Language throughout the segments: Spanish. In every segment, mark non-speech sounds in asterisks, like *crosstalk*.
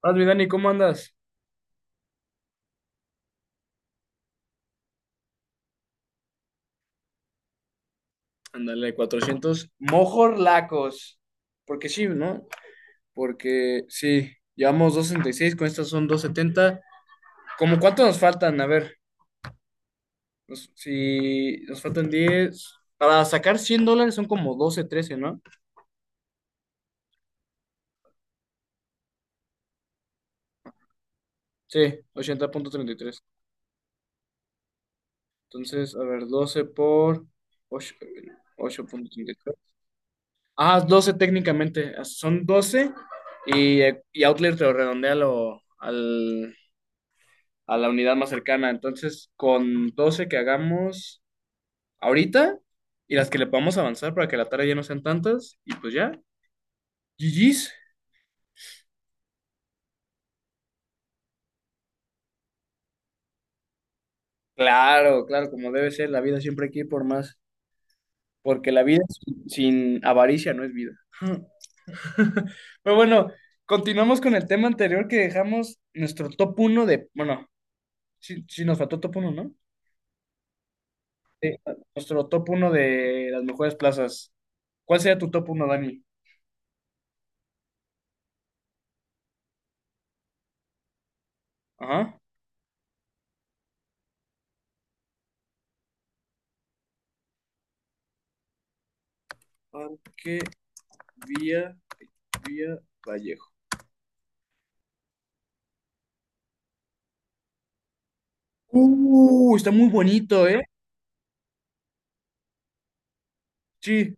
Hola, mi Dani, ¿cómo andas? Ándale, 400 mojorlacos. Porque sí, ¿no? Porque sí, llevamos 266, con estas son 270. ¿Cómo cuánto nos faltan? A ver, si nos faltan 10 para sacar $100 son como doce, trece, ¿no? Sí, 80.33. Entonces, a ver, 12 por ocho. 8.33. Ah, 12 técnicamente. Son doce, y, y Outlier te lo redondea a la unidad más cercana. Entonces, con 12 que hagamos ahorita y las que le podamos avanzar para que la tarea ya no sean tantas, y pues ya, GG's. Claro, claro, como debe ser, la vida siempre hay que ir por más, porque la vida sin avaricia no es vida. *laughs* Pero bueno, continuamos con el tema anterior que dejamos nuestro top uno de, bueno, sí, sí nos faltó top uno, ¿no? Sí, nuestro top uno de las mejores plazas. ¿Cuál sería tu top uno, Dani? Ajá. Parque Vía, Vía Vallejo. Está muy bonito, ¿eh? Sí.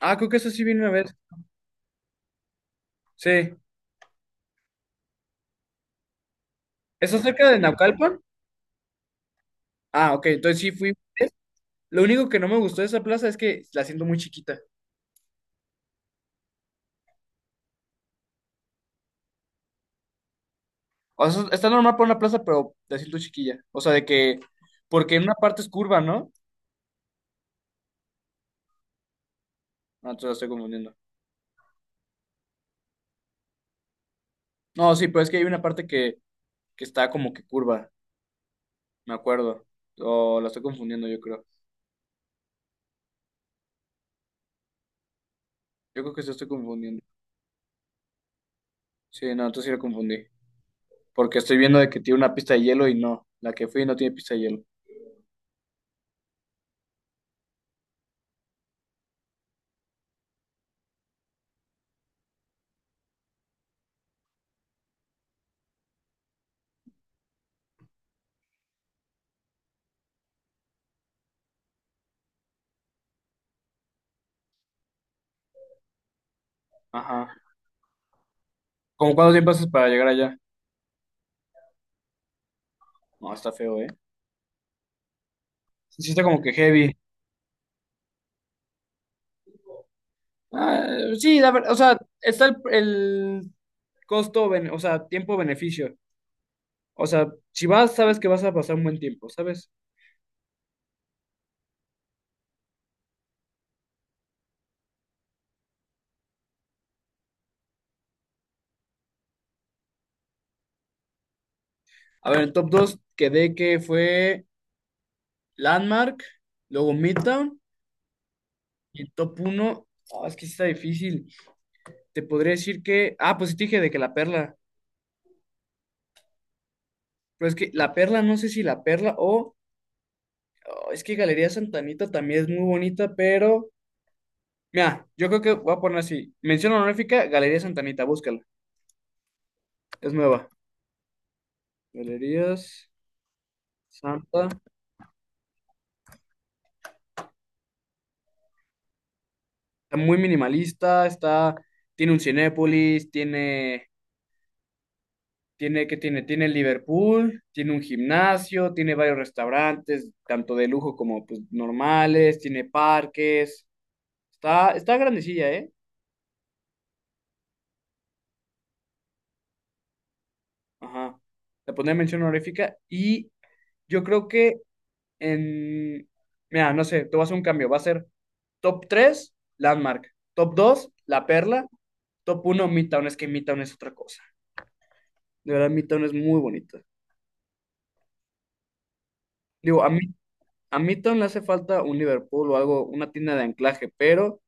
Ah, creo que eso sí vino una vez. Sí. ¿Está cerca de Naucalpan? Ah, ok, entonces sí fui una vez. Lo único que no me gustó de esa plaza es que la siento muy chiquita. O sea, está normal para una plaza, pero la siento chiquilla. O sea, porque en una parte es curva, ¿no? No, te la estoy confundiendo. No, sí, pero es que hay una parte que está como que curva, me acuerdo. O la estoy confundiendo, yo creo. Yo creo que se estoy confundiendo. Sí, no, entonces sí la confundí. Porque estoy viendo de que tiene una pista de hielo y no. La que fui no tiene pista de hielo. Ajá. ¿Cómo cuánto tiempo haces para llegar allá? No, está feo, ¿eh? Sí, está como que heavy. Ah, sí, la ver, o sea, está el costo, o sea, tiempo-beneficio. O sea, si vas, sabes que vas a pasar un buen tiempo, ¿sabes? A ver, en top 2 quedé que fue Landmark, luego Midtown, y en top uno, ah, es que sí está difícil. Te podría decir que, ah, pues sí te dije de que la perla, pero es que la perla, no sé si la perla o. Oh, es que Galería Santanita también es muy bonita, pero. Mira, yo creo que voy a poner así. Mención honorífica, Galería Santanita, búscala. Es nueva. Galerías Santa. Está muy minimalista, está. Tiene un Cinépolis, tiene. Tiene qué tiene, tiene Liverpool, tiene un gimnasio, tiene varios restaurantes, tanto de lujo como pues normales, tiene parques. Está grandecilla, ¿eh? Ajá. Le pondré mención honorífica y yo creo que en, mira, no sé, te voy a hacer un cambio. Va a ser top 3 Landmark. Top 2 La Perla. Top uno Midtown. Es que Midtown es otra cosa. De verdad, Midtown es muy bonito. Digo, a Midtown le hace falta un Liverpool o algo, una tienda de anclaje, pero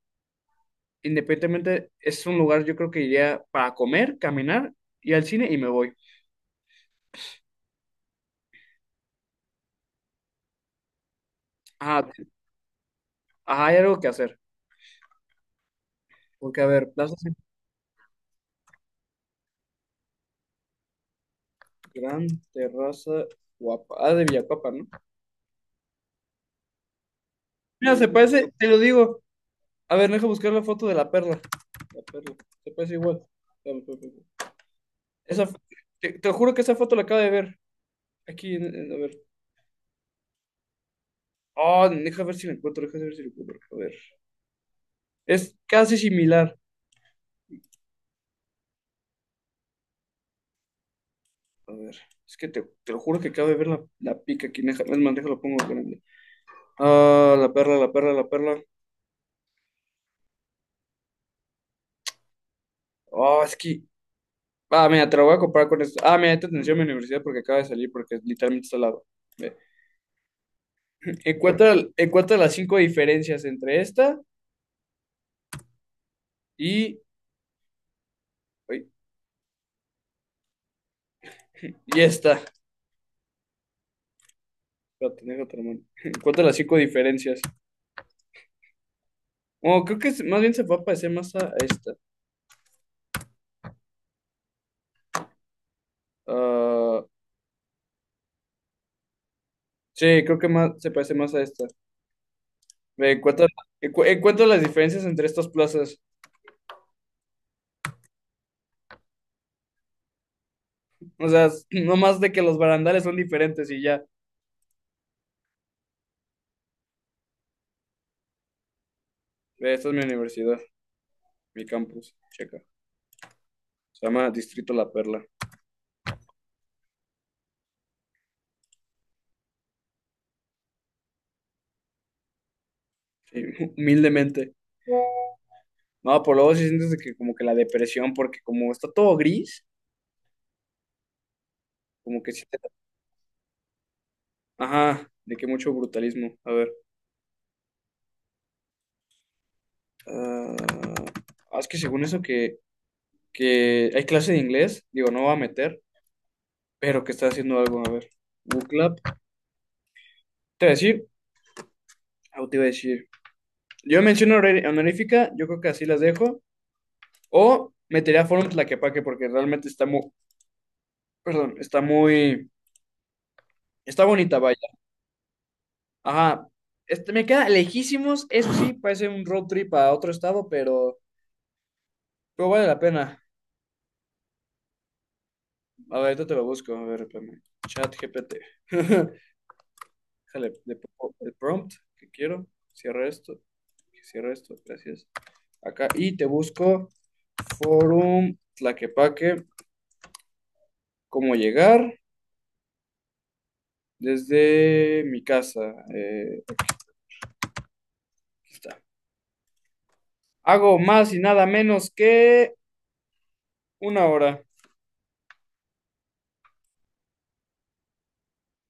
independientemente es un lugar yo creo que iría para comer, caminar, ir al cine y me voy. Ajá, ajá, hay algo que hacer. Porque, a ver, Plaza Gran Terraza Guapa. Ah, de Villapapa, ¿no? Mira, se parece, te lo digo. A ver, deja buscar la foto de la perla. La perla. Se parece igual. Espérame, espérame, espérame. Esa, fo- te juro que esa foto la acabo de ver. Aquí, a ver. Oh, deja ver si la encuentro, deja ver si la encuentro. A ver. Es casi similar. A ver. Es que te lo juro que acabo de ver la pica aquí. Deja, es más, déjalo pongo grande. Ah, la perla, la perla, la perla. Oh, es que. Ah, mira, te la voy a comparar con esto. Ah, mira, esta atención en mi universidad porque acaba de salir, porque literalmente está al lado. Ve. Encuentra las cinco diferencias entre esta y. Ay, ya está. Espérate, déjate, hermano. *laughs* Cuántas las cinco diferencias. Oh, creo que más bien se va a parecer más a esta. Ah, sí, creo que más se parece más a esta. Ve, encuentra las diferencias entre estas plazas. O sea, *clears throat* no más de que los barandales son diferentes y ya. Ve, esta es mi universidad, mi campus. Checa. Se llama Distrito La Perla. Sí, *laughs* humildemente. No, por luego sí sientes de que como que la depresión, porque como está todo gris, como que sí te... Ajá, de que mucho brutalismo. A ver. Ah, es que según eso que hay clase de inglés, digo, no va a meter, pero que está haciendo algo, a ver. Book Club. Te voy a decir, ah, te iba a decir. Yo menciono honorífica, yo creo que así las dejo. O metería Forum Tlaquepaque porque realmente está muy, perdón, está muy, está bonita, vaya. Ajá. Este, me queda lejísimos, eso sí, parece un road trip a otro estado, pero vale la pena. A ver, ahorita te lo busco, a ver, espérame. Chat GPT. *laughs* Déjale, le pongo el prompt que quiero. Cierra esto. Cierra esto. Gracias. Acá. Y te busco Forum Tlaquepaque. Cómo llegar desde mi casa. Aquí está. Hago más y nada menos que una hora.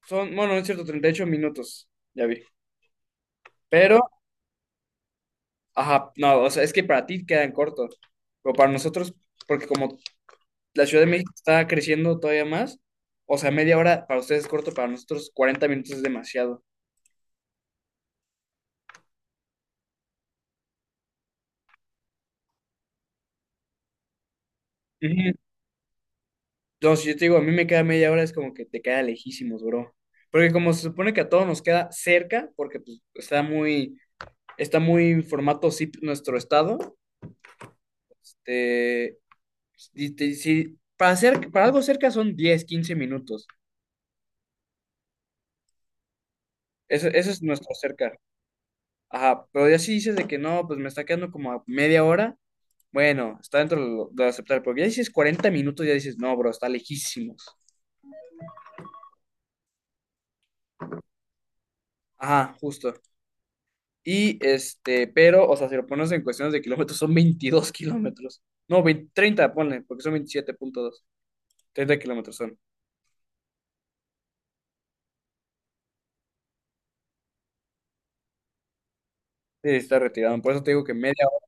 Son, bueno, no es cierto, 38 minutos. Ya vi. Pero, ajá, no, o sea, es que para ti quedan cortos. Pero para nosotros, porque como la Ciudad de México está creciendo todavía más. O sea, media hora para ustedes es corto, para nosotros 40 minutos es demasiado. Ujú. Entonces, yo te digo, a mí me queda media hora, es como que te queda lejísimos, bro. Porque como se supone que a todos nos queda cerca, porque pues, está muy en formato zip nuestro estado, este, para algo cerca son 10 15 minutos. Eso es nuestro cerca. Ajá, pero ya si dices de que no, pues me está quedando como a media hora. Bueno, está dentro de lo aceptable, porque ya dices 40 minutos, ya dices, no, bro, está lejísimos. Ajá, justo. Y este, pero, o sea, si lo pones en cuestiones de kilómetros, son 22 kilómetros. No, 20 30 ponle, porque son 27.2 30 kilómetros son. Sí, está retirado. Por eso te digo que media hora.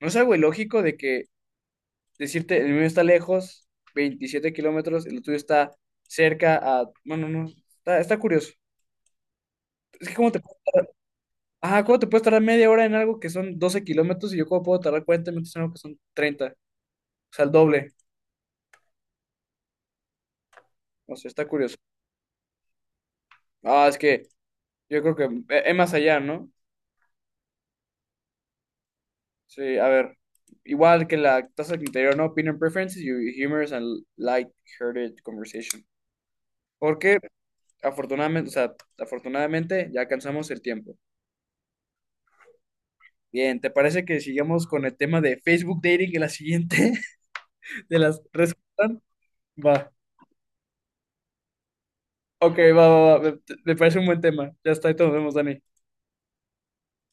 ¿No es algo ilógico de que decirte, el mío está lejos, 27 kilómetros, el tuyo está cerca a... Bueno, no, está curioso. Es que, ¿cómo te... Ajá, ¿cómo te puedes tardar media hora en algo que son 12 kilómetros y yo cómo puedo tardar 40 minutos en algo que son 30? O sea, el doble. No sé, está curioso. Ah, es que yo creo que es más allá, ¿no? Sí, a ver. Igual que la tasa del interior, ¿no? Opinion preferences, your humorous and light-hearted conversation. Porque afortunadamente, o sea, afortunadamente ya alcanzamos el tiempo. Bien, ¿te parece que sigamos con el tema de Facebook dating en la siguiente *laughs* de las redes que faltan? Va. Ok, va, va, va. Me parece un buen tema. Ya está, y todos nos vemos, Dani.